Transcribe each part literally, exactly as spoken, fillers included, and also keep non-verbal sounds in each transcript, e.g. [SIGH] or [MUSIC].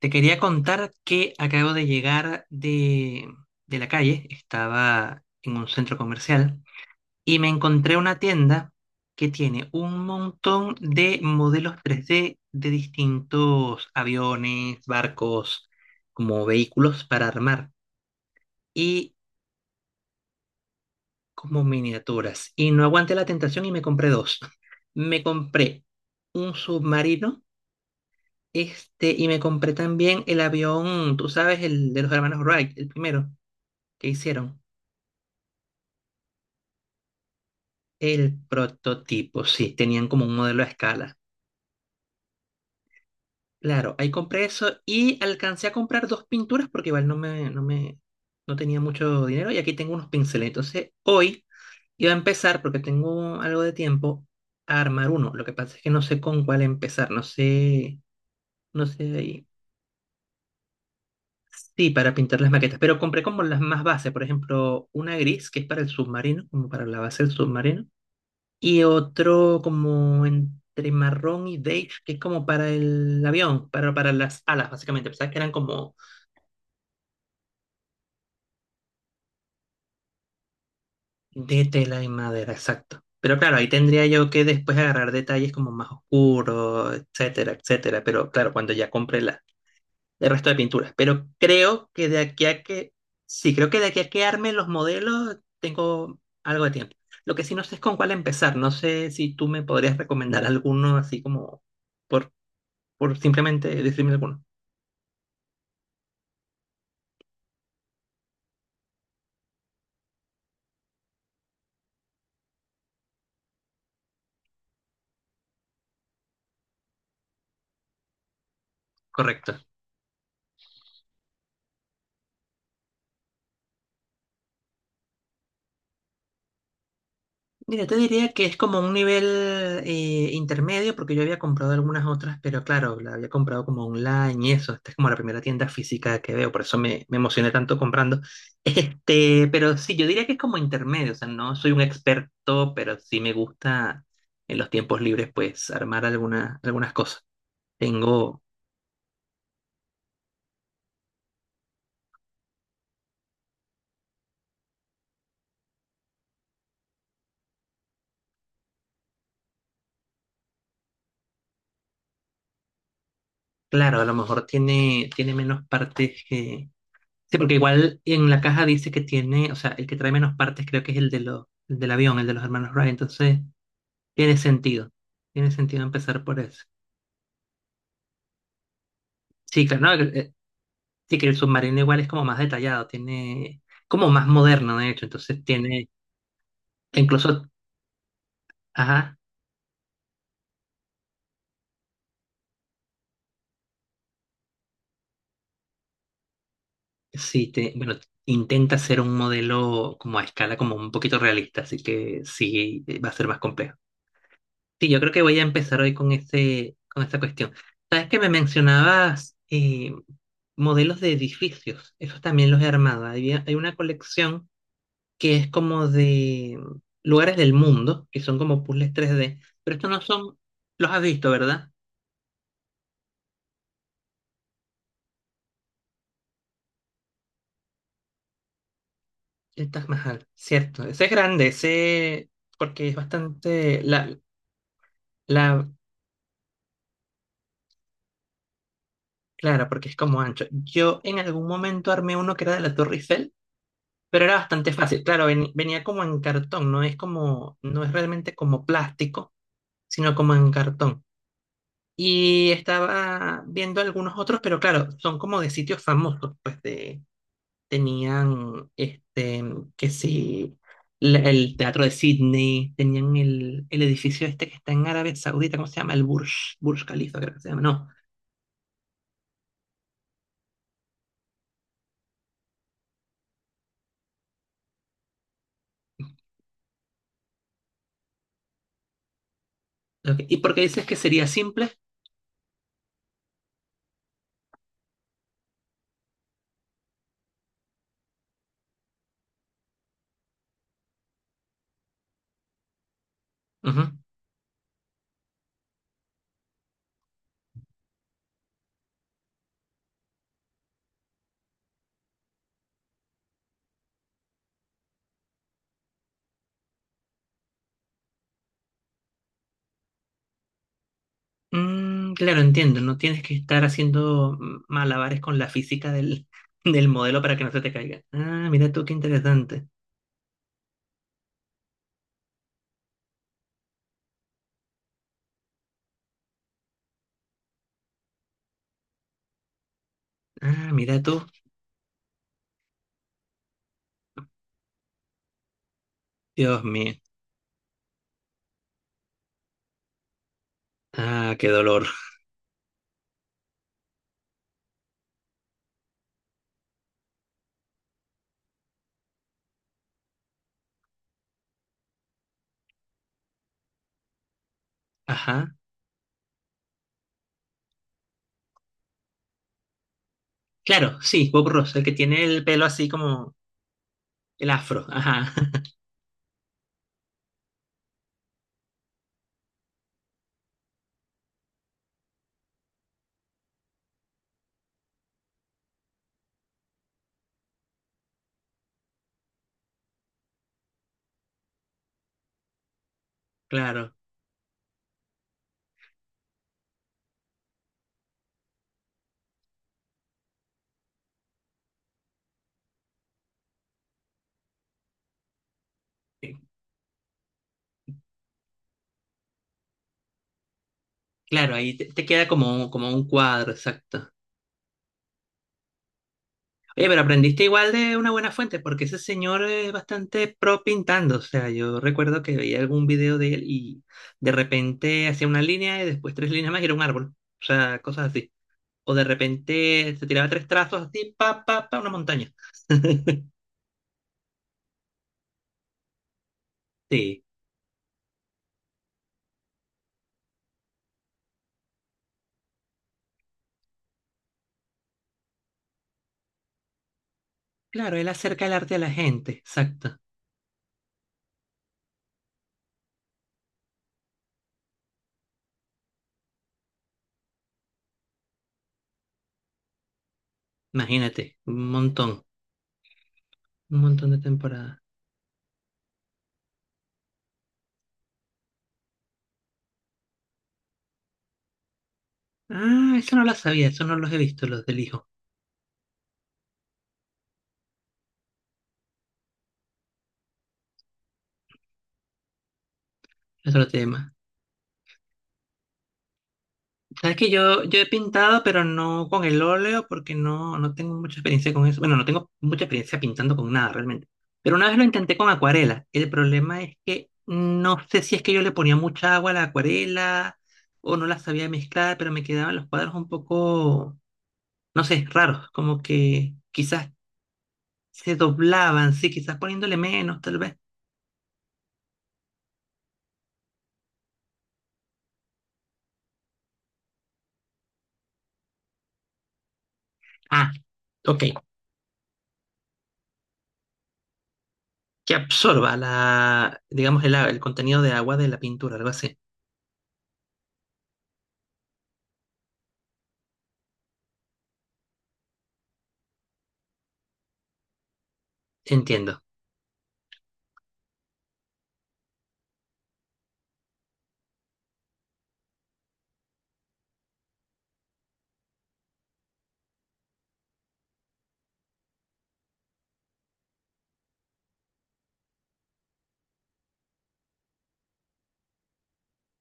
Te quería contar que acabo de llegar de, de la calle. Estaba en un centro comercial y me encontré una tienda que tiene un montón de modelos tres d de distintos aviones, barcos, como vehículos para armar y como miniaturas. Y no aguanté la tentación y me compré dos. [LAUGHS] Me compré un submarino, este, y me compré también el avión, tú sabes, el de los hermanos Wright, el primero. ¿Qué hicieron? El prototipo, sí, tenían como un modelo a escala. Claro, ahí compré eso y alcancé a comprar dos pinturas porque igual no me, no me, no tenía mucho dinero y aquí tengo unos pinceles. Entonces, hoy iba a empezar, porque tengo algo de tiempo, a armar uno. Lo que pasa es que no sé con cuál empezar. No sé, no sé ahí. Sí, para pintar las maquetas, pero compré como las más bases, por ejemplo, una gris que es para el submarino, como para la base del submarino. Y otro como entre marrón y beige, que es como para el avión, para, para las alas, básicamente. Pensaba que eran como de tela y madera, exacto. Pero claro, ahí tendría yo que después agarrar detalles como más oscuros, etcétera, etcétera. Pero claro, cuando ya compré la, el resto de pinturas. Pero creo que de aquí a que, sí, creo que de aquí a que arme los modelos, tengo algo de tiempo. Lo que sí no sé es con cuál empezar. No sé si tú me podrías recomendar alguno, así como por, por simplemente decirme alguno. Correcto. Mira, te diría que es como un nivel eh, intermedio, porque yo había comprado algunas otras, pero claro, la había comprado como online y eso. Esta es como la primera tienda física que veo, por eso me, me emocioné tanto comprando. Este, pero sí, yo diría que es como intermedio, o sea, no soy un experto, pero sí me gusta en los tiempos libres, pues, armar alguna- algunas cosas. Tengo, claro, a lo mejor tiene, tiene menos partes que... Sí, porque igual en la caja dice que tiene, o sea, el que trae menos partes creo que es el de los, el del avión, el de los hermanos Wright, entonces tiene sentido, tiene sentido empezar por eso. Sí, claro, no, eh, sí que el submarino igual es como más detallado, tiene, como más moderno de hecho, entonces tiene, incluso, ajá, sí, te, bueno, intenta ser un modelo como a escala, como un poquito realista, así que sí, eh, va a ser más complejo. Sí, yo creo que voy a empezar hoy con ese, con esa cuestión. Sabes que me mencionabas eh, modelos de edificios. Esos también los he armado. Hay, hay una colección que es como de lugares del mundo, que son como puzzles tres d. Pero estos no son, los has visto, ¿verdad? El Taj Mahal, cierto. Ese es grande, ese, porque es bastante, la, la, claro, porque es como ancho. Yo en algún momento armé uno que era de la Torre Eiffel. Pero era bastante fácil. Claro, ven- venía como en cartón, no es como, no es realmente como plástico, sino como en cartón. Y estaba viendo algunos otros, pero claro, son como de sitios famosos, pues de, tenían este, que sí, la- el Teatro de Sydney, tenían el, el edificio este que está en Arabia Saudita, ¿cómo se llama? El Burj, Burj Khalifa, creo que se llama, no. Ok. ¿Y por qué dices que sería simple? Ujú. Mm, claro, entiendo. No tienes que estar haciendo mm, malabares con la física del, [LAUGHS] del modelo para que no se te caiga. Ah, mira tú, qué interesante. Ah, mira tú. Dios mío. Ah, qué dolor. Ajá. Claro, sí, Bob Ross, el que tiene el pelo así como el afro. Ajá, [LAUGHS] claro. Eh, claro, ahí te, te queda como, como un cuadro, exacto. Eh, pero aprendiste igual de una buena fuente, porque ese señor es bastante pro pintando. O sea, yo recuerdo que veía algún video de él y de repente hacía una línea y después tres líneas más y era un árbol. O sea, cosas así. O de repente se tiraba tres trazos así, pa, pa, pa, una montaña. [LAUGHS] Sí, claro, él acerca el arte a la gente, exacto. Imagínate, un montón, un montón de temporadas. Ah, eso no lo sabía, eso no los he visto, los del hijo. Es otro tema. Sabes que yo, yo he pintado, pero no con el óleo, porque no, no tengo mucha experiencia con eso. Bueno, no tengo mucha experiencia pintando con nada realmente. Pero una vez lo intenté con acuarela. El problema es que no sé si es que yo le ponía mucha agua a la acuarela o no la sabía mezclar, pero me quedaban los cuadros un poco, no sé, raros, como que quizás se doblaban, sí, quizás poniéndole menos, tal vez. Ah, ok, que absorba la, digamos, el, a- el contenido de agua de la pintura, algo así. Entiendo.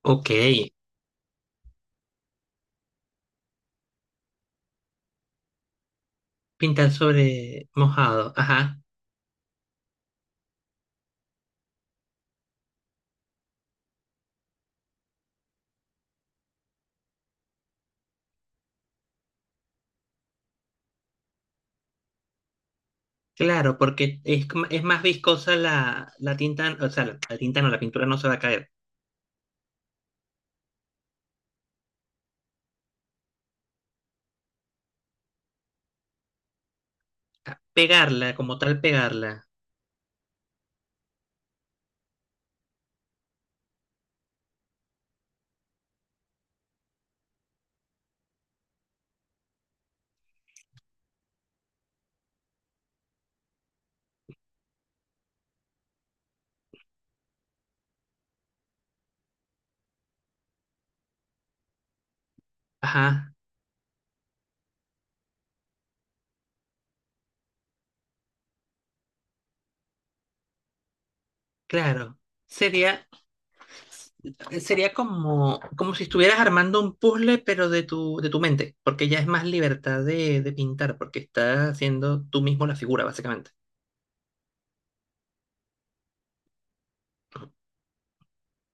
Ok. Pintar sobre mojado, ajá. Claro, porque es, como- es más viscosa la, la tinta, o sea, la, la tinta no, la pintura no se va a caer. A- pegarla, como tal, pegarla. Ajá, claro. Sería, sería como, como si estuvieras armando un puzzle, pero de tu, de tu mente, porque ya es más libertad de, de pintar, porque estás haciendo tú mismo la figura, básicamente.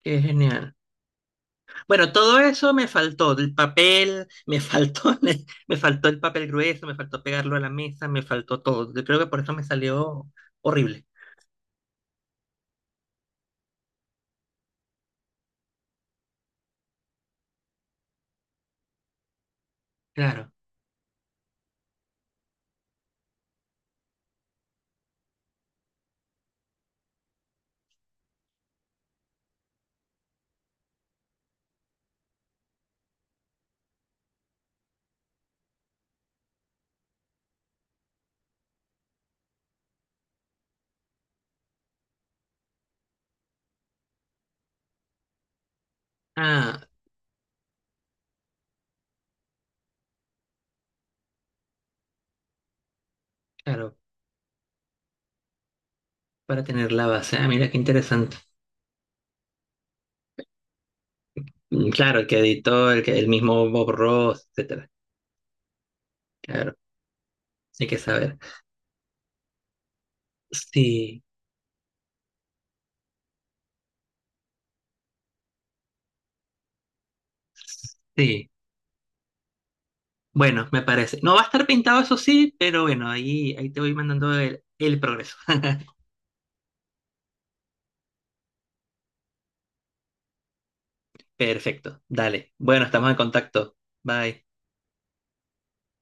Qué genial. Bueno, todo eso me faltó, el papel, me faltó, [LAUGHS] me faltó el papel grueso, me faltó pegarlo a la mesa, me faltó todo. Yo creo que por eso me salió horrible. Claro. Ah, claro, para tener la base. Ah, mira qué interesante. Mm, claro, el que editó, el que el mismo Bob Ross, etcétera. Claro, hay que saber. Sí, sí. Bueno, me parece. No va a estar pintado, eso sí, pero bueno, ahí, ahí te voy mandando el, el progreso. [LAUGHS] Perfecto. Dale. Bueno, estamos en contacto. Bye.